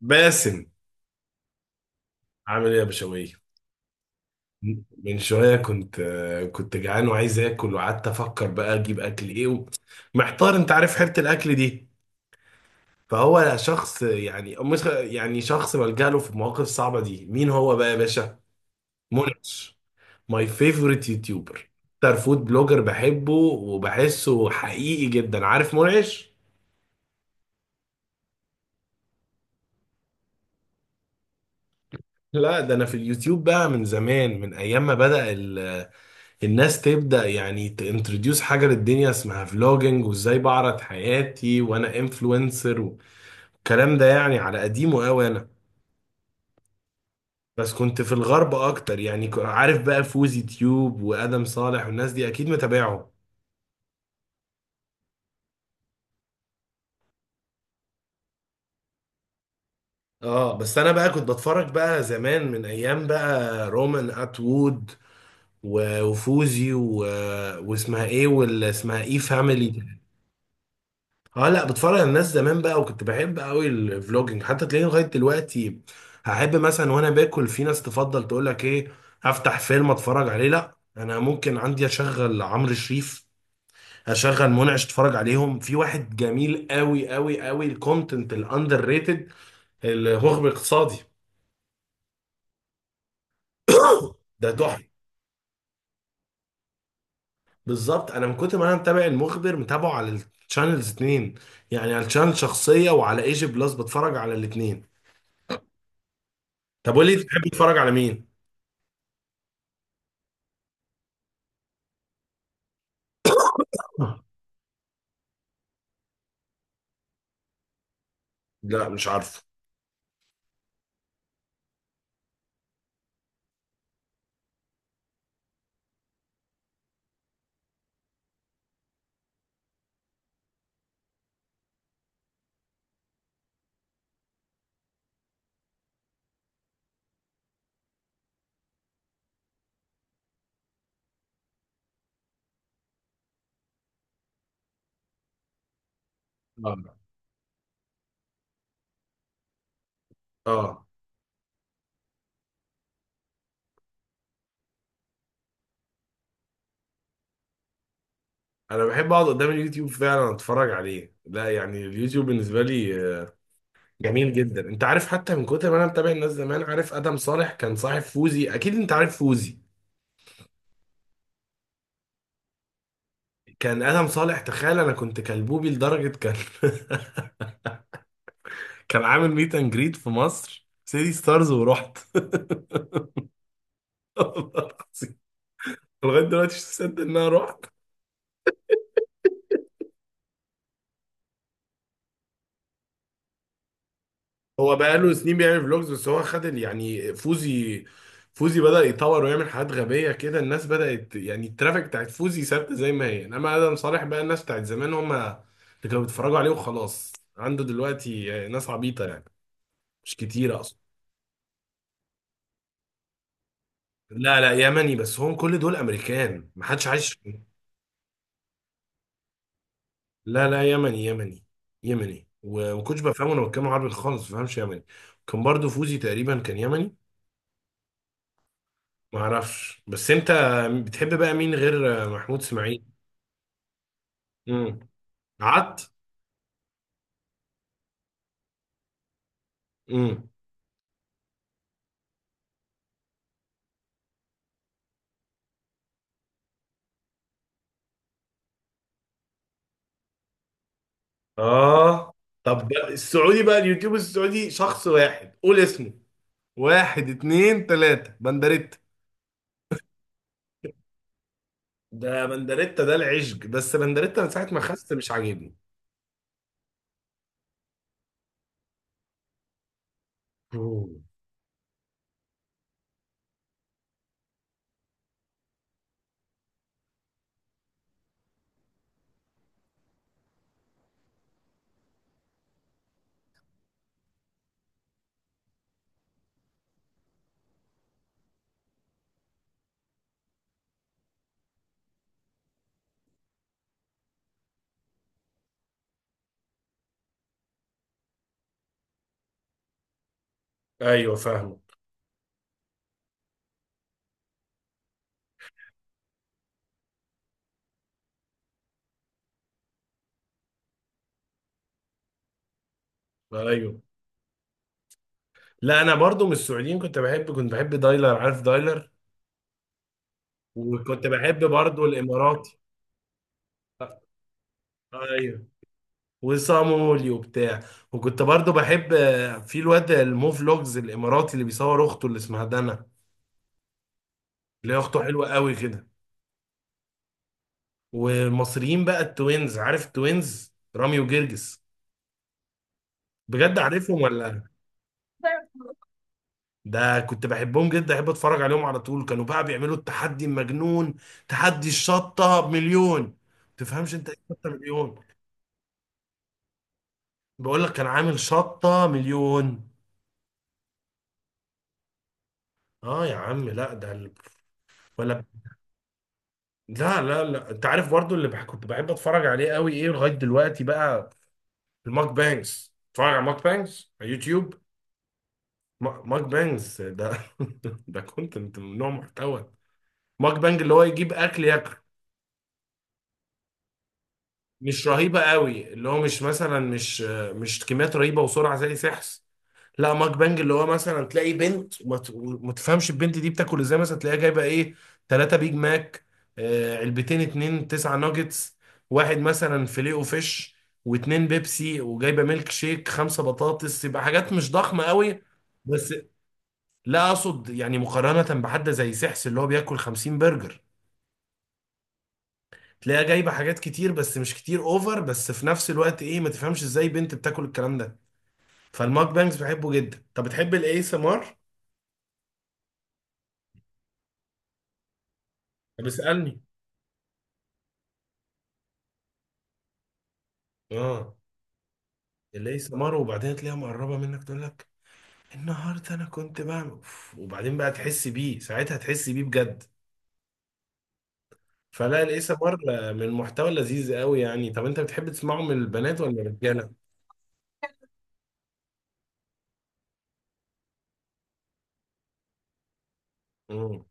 باسم، عامل ايه يا بشوية؟ من شوية كنت جعان وعايز اكل، وقعدت افكر بقى اجيب اكل ايه محتار. انت عارف حيرة الاكل دي. فهو شخص، يعني مش، يعني شخص بلجأ له في المواقف الصعبة دي. مين هو بقى يا باشا؟ منعش. ماي فيفورت يوتيوبر. اكتر فود بلوجر بحبه وبحسه حقيقي جدا. عارف منعش؟ لا، ده انا في اليوتيوب بقى من زمان، من ايام ما بدأ الناس تبدأ يعني تانتروديوس حاجة للدنيا اسمها فلوجينج، وازاي بعرض حياتي وانا انفلونسر. والكلام ده يعني على قديمه قوي انا. بس كنت في الغرب اكتر يعني، عارف بقى فوزي تيوب وادم صالح، والناس دي اكيد متابعهم. اه، بس انا بقى كنت بتفرج بقى زمان، من ايام بقى رومان اتوود و- وفوزي و... واسمها ايه، ولا اسمها ايه فاميلي؟ اه، لا بتفرج على الناس زمان بقى. وكنت بحب قوي الفلوجينج، حتى تلاقيني لغايه دلوقتي هحب، مثلا وانا باكل، في ناس تفضل تقول لك ايه افتح فيلم اتفرج عليه. لا، انا ممكن عندي اشغل عمرو شريف، اشغل منعش اتفرج عليهم. في واحد جميل قوي قوي قوي، الكونتنت الاندر ريتد، المخبر الاقتصادي. ده تحفه. بالظبط انا من كتر ما انا متابع المخبر، متابعه على الشانلز اتنين، يعني على الشانل شخصيه وعلى ايجي بلس، بتفرج على الاتنين. طب قول لي، تحب تتفرج على مين؟ لا، مش عارفه. آه. اه، انا بحب اقعد قدام اليوتيوب فعلا، اتفرج عليه. لا يعني اليوتيوب بالنسبه لي جميل جدا. انت عارف حتى من كتر ما انا متابع الناس زمان، عارف ادم صالح كان صاحب فوزي؟ اكيد انت عارف فوزي. كان ادم صالح، تخيل، انا كنت كلبوبي لدرجه كان كان عامل ميت اند جريد في مصر سيدي ستارز ورحت. والله العظيم. لغايه دلوقتي مش مصدق ان انا رحت. هو بقاله سنين بيعمل فلوجز، بس هو خد يعني فوزي بدأ يطور ويعمل حاجات غبية كده. الناس بدأت، يعني الترافيك بتاعت فوزي ثابتة زي ما هي، انما آدم صالح بقى الناس بتاعت زمان هم اللي كانوا بيتفرجوا عليه وخلاص. عنده دلوقتي ناس عبيطة، يعني مش كتير اصلا. لا لا، يمني. بس هم كل دول امريكان، ما حدش عايش. لا لا، يمني، يمني، يمني. وما كنتش بفهمه، انا بتكلم عربي خالص، ما بفهمش يمني. كان برضو فوزي تقريبا كان يمني. ما اعرفش. بس انت بتحب بقى مين غير محمود اسماعيل؟ امم. عط. امم. اه، طب بقى السعودي، بقى اليوتيوب السعودي شخص واحد، قول اسمه. واحد، اتنين، تلاتة، بندريتا. ده بندريتا، ده العشق. بس بندريتا من ساعة ما خست مش عاجبني. مم. ايوه، فاهمك. ايوه، لا انا برضو من السعوديين، كنت بحب دايلر. عارف دايلر؟ وكنت بحب برضو الاماراتي. ايوه. وصامولي وبتاع. وكنت برضو بحب في الواد المو فلوجز الاماراتي اللي بيصور اخته اللي اسمها دنا، اللي هي اخته حلوه قوي كده. والمصريين بقى التوينز. عارف التوينز رامي وجرجس؟ بجد عارفهم ولا؟ ده كنت بحبهم جدا، احب اتفرج عليهم على طول. كانوا بقى بيعملوا التحدي المجنون، تحدي الشطه بمليون. تفهمش انت ايه شطه مليون؟ بقول لك كان عامل شطه مليون. اه يا عم، لا ده ولا. لا لا لا، انت عارف برضو اللي كنت بحب اتفرج عليه قوي، ايه لغايه دلوقتي بقى؟ الماك بانجز. اتفرج على ماك بانجز على يوتيوب. ماك بانجز ده ده كونتنت من نوع محتوى. ماك بانج اللي هو يجيب اكل ياكل. مش رهيبه قوي، اللي هو مش مثلا، مش كميات رهيبه وسرعه زي سحس. لا، ماك بانج اللي هو مثلا تلاقي بنت وما تفهمش البنت دي بتاكل ازاي. مثلا تلاقيها جايبه ايه، ثلاثة بيج ماك، علبتين، اتنين تسعة ناجتس، واحد مثلا فيليه وفيش، واتنين بيبسي، وجايبه ميلك شيك، خمسة بطاطس. يبقى حاجات مش ضخمة قوي، بس. لا، اقصد يعني مقارنة بحد زي سحس اللي هو بياكل 50 برجر. تلاقيها جايبه حاجات كتير، بس مش كتير اوفر. بس في نفس الوقت ايه، ما تفهمش ازاي بنت بتاكل الكلام ده. فالماك بانجز بحبه جدا. طب بتحب الاي اس ام ار؟ طب اسألني. اه، تلاقيه سمر، وبعدين تلاقيها مقربه منك تقول لك النهارده انا كنت بعمل أوف، وبعدين بقى تحس بيه ساعتها، تحس بيه بجد. فلا الايه سمر من المحتوى لذيذ قوي يعني. طب انت بتحب تسمعه من البنات ولا الرجاله؟ مم.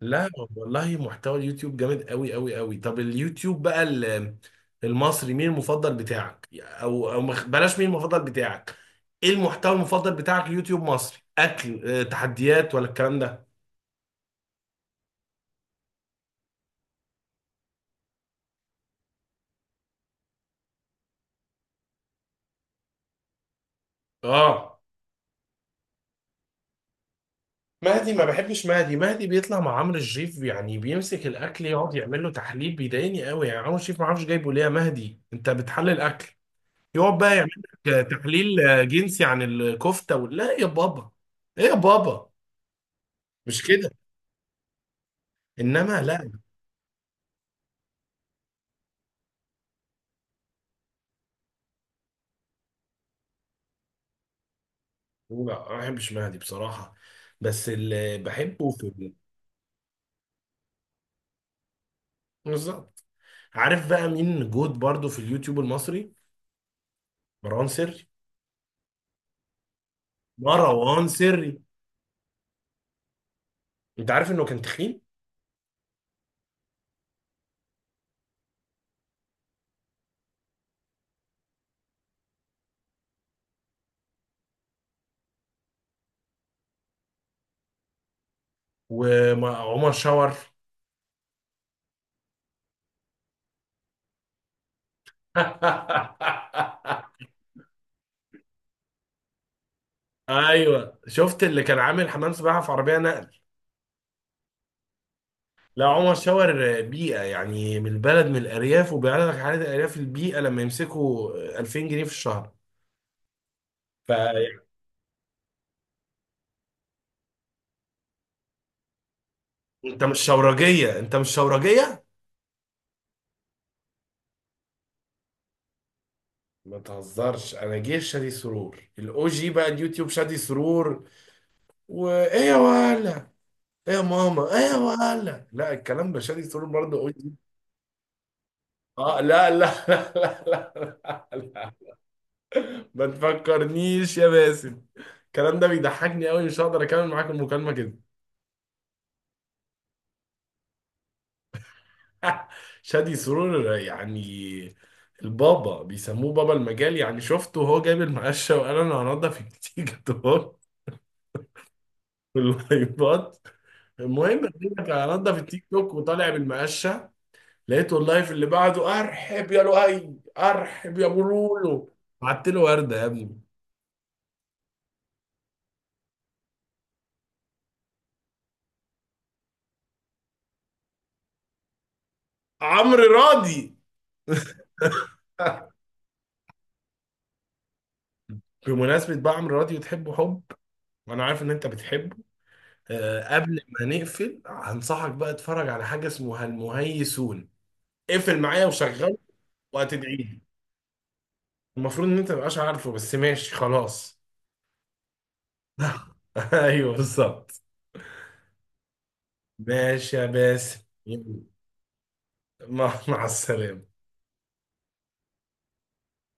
لا، والله محتوى اليوتيوب جامد قوي قوي قوي. طب اليوتيوب بقى المصري، مين المفضل بتاعك؟ او بلاش، مين المفضل بتاعك؟ ايه المحتوى المفضل بتاعك يوتيوب مصري، اكل، تحديات، ولا الكلام ده؟ اه، مهدي ما بحبش مهدي. مهدي بيطلع مع عمرو الشريف، يعني بيمسك الاكل يقعد يعمل له تحليل، بيضايقني قوي. يعني عمرو الشريف ما اعرفش جايبه ليه. يا مهدي انت بتحلل اكل، يقعد بقى يعمل لك تحليل جنسي عن الكفته لا يا بابا، ايه يا بابا، مش كده. انما لا لا، ما بحبش مهدي بصراحه. بس اللي بحبه في بالظبط. عارف بقى مين جود برضو في اليوتيوب المصري؟ مروان سري. مروان سري، انت عارف انه كان تخين؟ وعمر شاور. ايوه، شفت اللي كان عامل حمام سباحه في عربيه نقل. لا عمر شاور بيئه، يعني من البلد، من الارياف، وبيعرض لك حاله الارياف البيئه لما يمسكوا 2000 جنيه في الشهر. فانت مش شورجيه؟ انت مش شورجيه. ما تهزرش، انا جيش شادي سرور الاو جي. بقى اليوتيوب شادي سرور وايه يا ولا، ايه يا ماما، ايه يا ولا. لا، الكلام ده شادي سرور برضه او جي. اه لا لا لا لا، لا, لا. ما تفكرنيش يا باسم، الكلام ده بيضحكني قوي، مش هقدر اكمل معاك المكالمة كده. شادي سرور يعني البابا، بيسموه بابا المجال، يعني شفته وهو جايب المقشة وقال انا هنضف التيك توك واللايفات. المهم بيقول لك انا هنضف التيك توك، وطالع بالمقشة. لقيته اللايف اللي بعده ارحب يا لؤي، ارحب يا ابو لولو. بعت له وردة يا ابني. عمرو راضي. بمناسبة بقى عمرو راضي وتحبه حب، وانا عارف ان انت بتحبه، قبل ما نقفل هنصحك بقى اتفرج على حاجه اسمها المهيسون. اقفل معايا وشغله، وهتدعي لي. المفروض ان انت مبقاش عارفه، بس ماشي خلاص. ايوه بالظبط. ماشي يا باسم، يلا. مع السلامه.